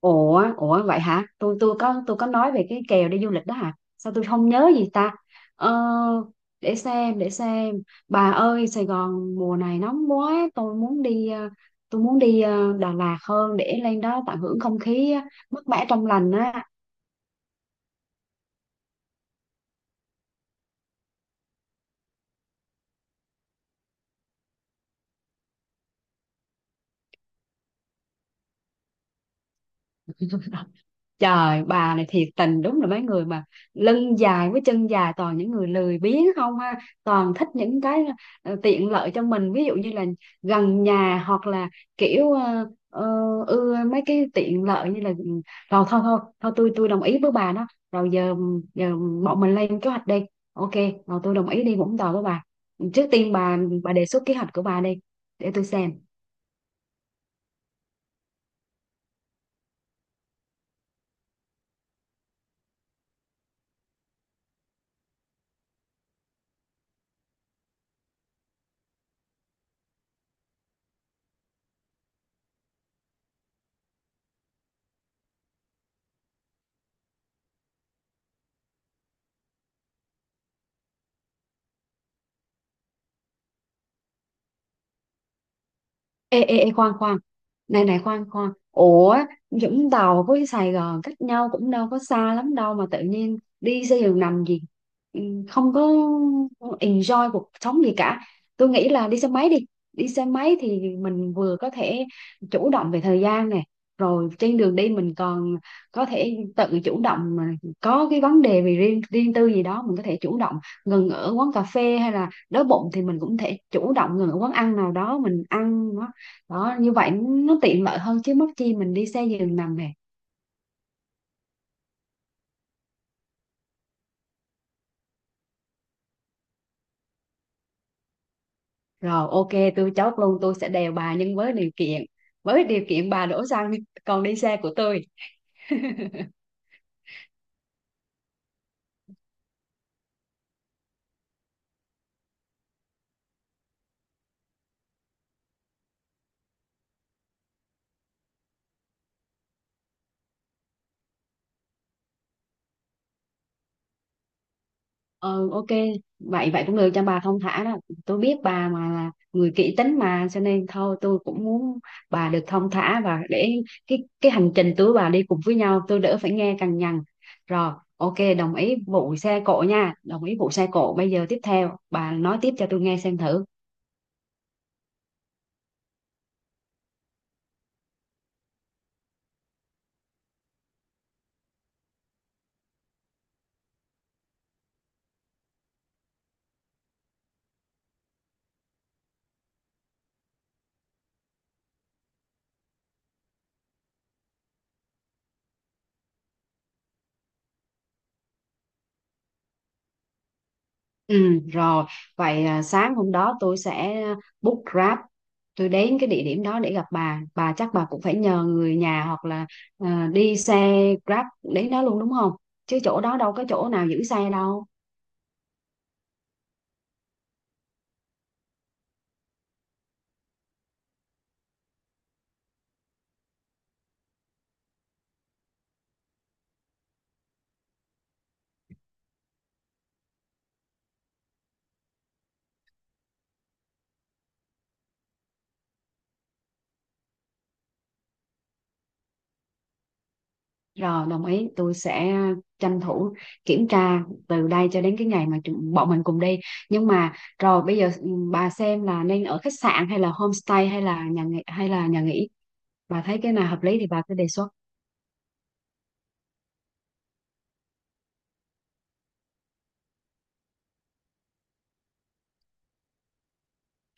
Ủa, vậy hả? Tôi có nói về cái kèo đi du lịch đó hả? Sao tôi không nhớ gì ta? Ờ, để xem, để xem. Bà ơi, Sài Gòn mùa này nóng quá, tôi muốn đi Đà Lạt hơn để lên đó tận hưởng không khí mát mẻ trong lành á. Trời bà này thiệt tình đúng là mấy người mà lưng dài với chân dài toàn những người lười biếng không ha, toàn thích những cái tiện lợi cho mình, ví dụ như là gần nhà, hoặc là kiểu ưa mấy cái tiện lợi như là rồi thôi thôi thôi tôi đồng ý với bà đó. Rồi giờ, giờ bọn mình lên kế hoạch đi. Ok, rồi tôi đồng ý đi Vũng Tàu với bà. Trước tiên bà đề xuất kế hoạch của bà đi để tôi xem. Ê, ê, ê, khoan khoan, này này khoan khoan, ủa Vũng Tàu với Sài Gòn cách nhau cũng đâu có xa lắm đâu mà tự nhiên đi xe giường nằm gì. Ừ, không có enjoy cuộc sống gì cả, tôi nghĩ là đi xe máy đi. Đi xe máy thì mình vừa có thể chủ động về thời gian nè, rồi trên đường đi mình còn có thể tự chủ động mà, có cái vấn đề về riêng riêng tư gì đó mình có thể chủ động ngừng ở quán cà phê, hay là đói bụng thì mình cũng thể chủ động ngừng ở quán ăn nào đó mình ăn đó. Như vậy nó tiện lợi hơn chứ mất chi mình đi xe giường nằm nè. Rồi ok, tôi chốt luôn, tôi sẽ đèo bà, nhưng với điều kiện, với điều kiện bà đổ xăng, còn đi xe của tôi. Ừ ok, vậy vậy cũng được, cho bà thông thả đó. Tôi biết bà mà là người kỹ tính mà, cho nên thôi tôi cũng muốn bà được thông thả, và để cái hành trình tôi bà đi cùng với nhau tôi đỡ phải nghe cằn nhằn. Rồi ok, đồng ý vụ xe cộ nha, đồng ý vụ xe cộ. Bây giờ tiếp theo bà nói tiếp cho tôi nghe xem thử. Ừ, rồi vậy sáng hôm đó tôi sẽ book Grab, tôi đến cái địa điểm đó để gặp bà. Bà chắc bà cũng phải nhờ người nhà, hoặc là đi xe Grab đến đó luôn đúng không, chứ chỗ đó đâu có chỗ nào giữ xe đâu. Rồi đồng ý, tôi sẽ tranh thủ kiểm tra từ đây cho đến cái ngày mà bọn mình cùng đi. Nhưng mà rồi bây giờ bà xem là nên ở khách sạn hay là homestay, hay là nhà nghỉ, bà thấy cái nào hợp lý thì bà cứ đề xuất.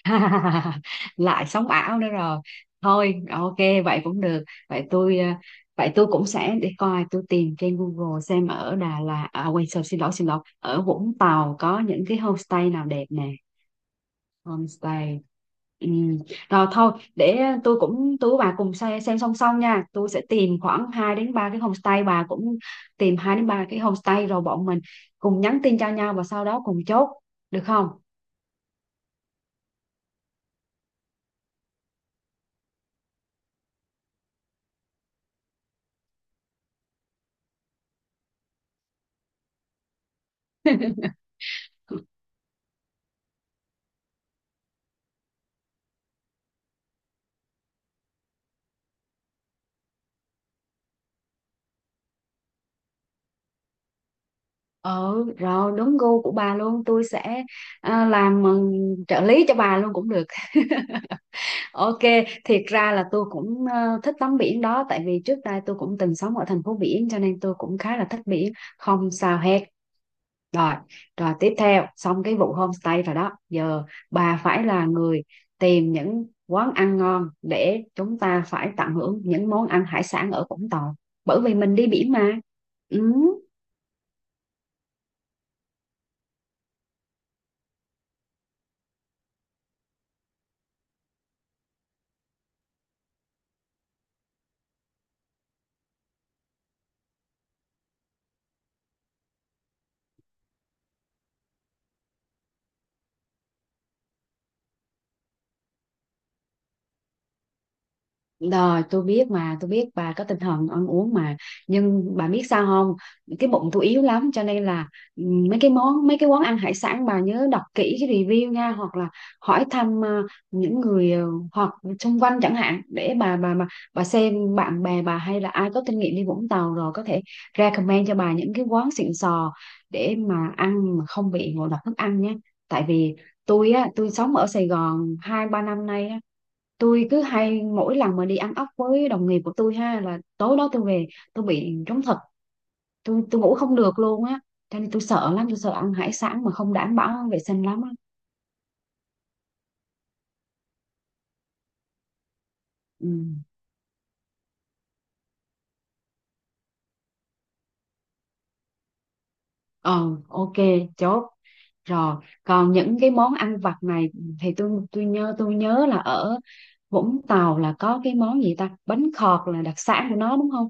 Lại sống ảo nữa rồi. Thôi ok, vậy cũng được. Vậy tôi cũng sẽ để coi, tôi tìm trên Google xem ở Đà Lạt à, quên, sorry, xin lỗi, xin lỗi, ở Vũng Tàu có những cái homestay nào đẹp nè, homestay. Ừ. Rồi thôi để tôi cũng, tôi với bà cùng xem song song nha. Tôi sẽ tìm khoảng 2 đến 3 cái homestay, bà cũng tìm 2 đến 3 cái homestay, rồi bọn mình cùng nhắn tin cho nhau và sau đó cùng chốt, được không? Ừ, rồi đúng gu của bà luôn. Tôi sẽ làm trợ lý cho bà luôn cũng được. Ok, thiệt ra là tôi cũng thích tắm biển đó, tại vì trước đây tôi cũng từng sống ở thành phố biển, cho nên tôi cũng khá là thích biển, không sao hết. Rồi, rồi tiếp theo xong cái vụ homestay rồi đó, giờ bà phải là người tìm những quán ăn ngon để chúng ta phải tận hưởng những món ăn hải sản ở Vũng Tàu, bởi vì mình đi biển mà. Ừ. Rồi tôi biết mà, tôi biết bà có tinh thần ăn uống mà. Nhưng bà biết sao không, cái bụng tôi yếu lắm, cho nên là ừ, mấy cái món, mấy cái quán ăn hải sản bà nhớ đọc kỹ cái review nha, hoặc là hỏi thăm những người hoặc xung quanh chẳng hạn, để bà bà xem bạn bè bà hay là ai có kinh nghiệm đi Vũng Tàu rồi có thể recommend cho bà những cái quán xịn sò, để mà ăn mà không bị ngộ độc thức ăn nhé. Tại vì tôi á, tôi sống ở Sài Gòn hai ba năm nay á, tôi cứ hay mỗi lần mà đi ăn ốc với đồng nghiệp của tôi ha, là tối đó tôi về tôi bị trống thật, tôi ngủ không được luôn á, cho nên tôi sợ lắm, tôi sợ ăn hải sản mà không đảm bảo vệ sinh lắm á. Ừ. Ờ ok, chốt. Rồi còn những cái món ăn vặt này thì tôi nhớ, tôi nhớ là ở Vũng Tàu là có cái món gì ta, bánh khọt là đặc sản của nó đúng không?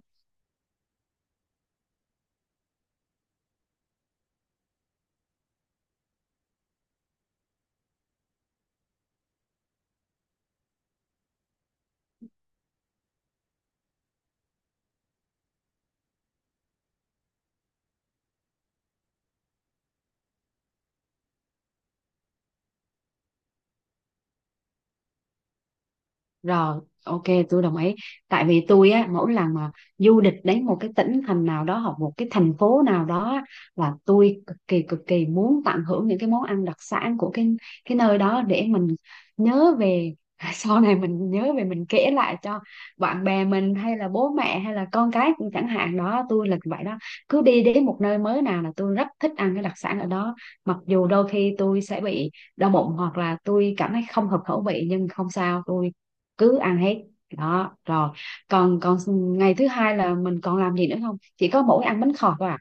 Rồi, ok, tôi đồng ý. Tại vì tôi á, mỗi lần mà du lịch đến một cái tỉnh thành nào đó, hoặc một cái thành phố nào đó á, là tôi cực kỳ muốn tận hưởng những cái món ăn đặc sản của cái nơi đó, để mình nhớ về. Sau này mình nhớ về mình kể lại cho bạn bè mình, hay là bố mẹ, hay là con cái cũng chẳng hạn đó. Tôi là vậy đó, cứ đi đến một nơi mới nào là tôi rất thích ăn cái đặc sản ở đó. Mặc dù đôi khi tôi sẽ bị đau bụng, hoặc là tôi cảm thấy không hợp khẩu vị, nhưng không sao, tôi cứ ăn hết đó. Rồi còn còn ngày thứ hai là mình còn làm gì nữa không, chỉ có mỗi ăn bánh khọt thôi à?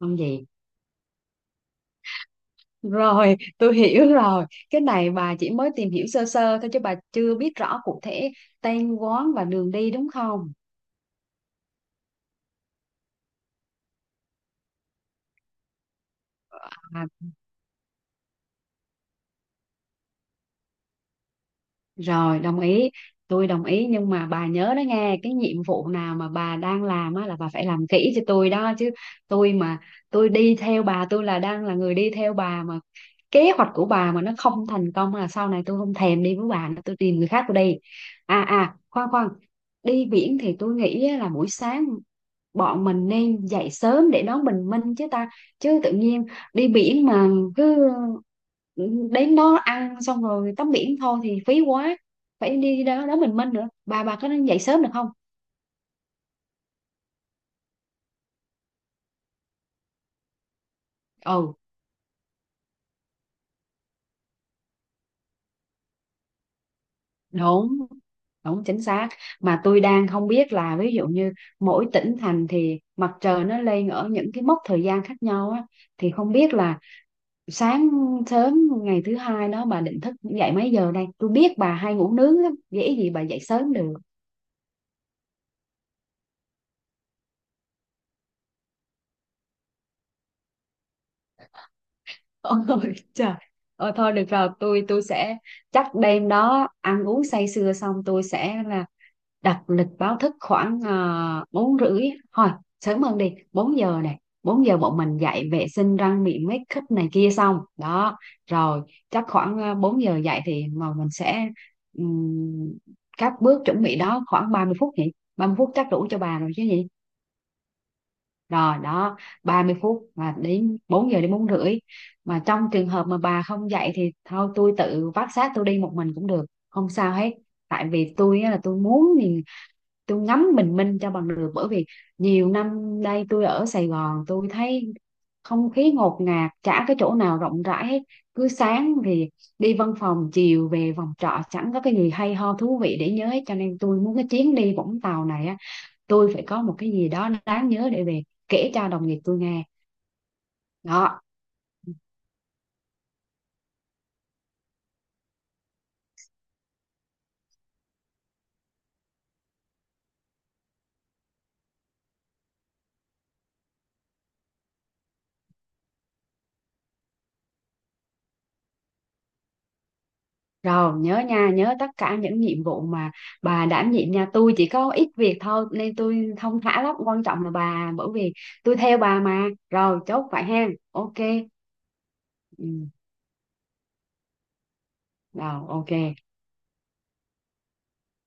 Không gì. Rồi tôi hiểu rồi, cái này bà chỉ mới tìm hiểu sơ sơ thôi chứ bà chưa biết rõ cụ thể tên quán và đường đi đúng không? À, rồi đồng ý, tôi đồng ý, nhưng mà bà nhớ đó nghe, cái nhiệm vụ nào mà bà đang làm á là bà phải làm kỹ cho tôi đó chứ. Tôi mà tôi đi theo bà, tôi là đang là người đi theo bà mà, kế hoạch của bà mà nó không thành công là sau này tôi không thèm đi với bà nữa, tôi tìm người khác tôi đi. À à, khoan khoan, đi biển thì tôi nghĩ á là buổi sáng bọn mình nên dậy sớm để đón bình minh chứ ta, chứ tự nhiên đi biển mà cứ đến đó ăn xong rồi tắm biển thôi thì phí quá, phải đi đó đón bình minh nữa. Bà có nên dậy sớm được không? Ừ đúng, đúng chính xác. Mà tôi đang không biết là ví dụ như mỗi tỉnh thành thì mặt trời nó lên ở những cái mốc thời gian khác nhau á, thì không biết là sáng sớm ngày thứ hai đó bà định thức dậy mấy giờ đây, tôi biết bà hay ngủ nướng lắm dễ gì bà dậy sớm được. Ôi trời. Ờ, thôi được rồi, tôi sẽ chắc đêm đó ăn uống say sưa xong tôi sẽ là đặt lịch báo thức khoảng 4 rưỡi thôi, sớm hơn đi. 4 giờ này, 4 giờ bọn mình dậy vệ sinh răng miệng, make up này kia xong đó. Rồi chắc khoảng 4 giờ dậy thì mà mình sẽ ừm, các bước chuẩn bị đó khoảng 30 phút nhỉ? 30 phút chắc đủ cho bà rồi chứ gì? Rồi đó, 30 phút mà đến 4 giờ đến bốn rưỡi, mà trong trường hợp mà bà không dậy thì thôi tôi tự vác xác tôi đi một mình cũng được, không sao hết. Tại vì tôi á là tôi muốn thì tôi ngắm bình minh cho bằng được, bởi vì nhiều năm đây tôi ở Sài Gòn tôi thấy không khí ngột ngạt, chả cái chỗ nào rộng rãi hết, cứ sáng thì đi văn phòng, chiều về phòng trọ, chẳng có cái gì hay ho thú vị để nhớ hết, cho nên tôi muốn cái chuyến đi Vũng Tàu này á, tôi phải có một cái gì đó đáng nhớ để về kể cho đồng nghiệp tôi nghe. Đó rồi, nhớ nha, nhớ tất cả những nhiệm vụ mà bà đảm nhiệm nha, tôi chỉ có ít việc thôi nên tôi thong thả lắm, quan trọng là bà, bởi vì tôi theo bà mà. Rồi chốt vậy ha, ok. Ừ, rồi ok.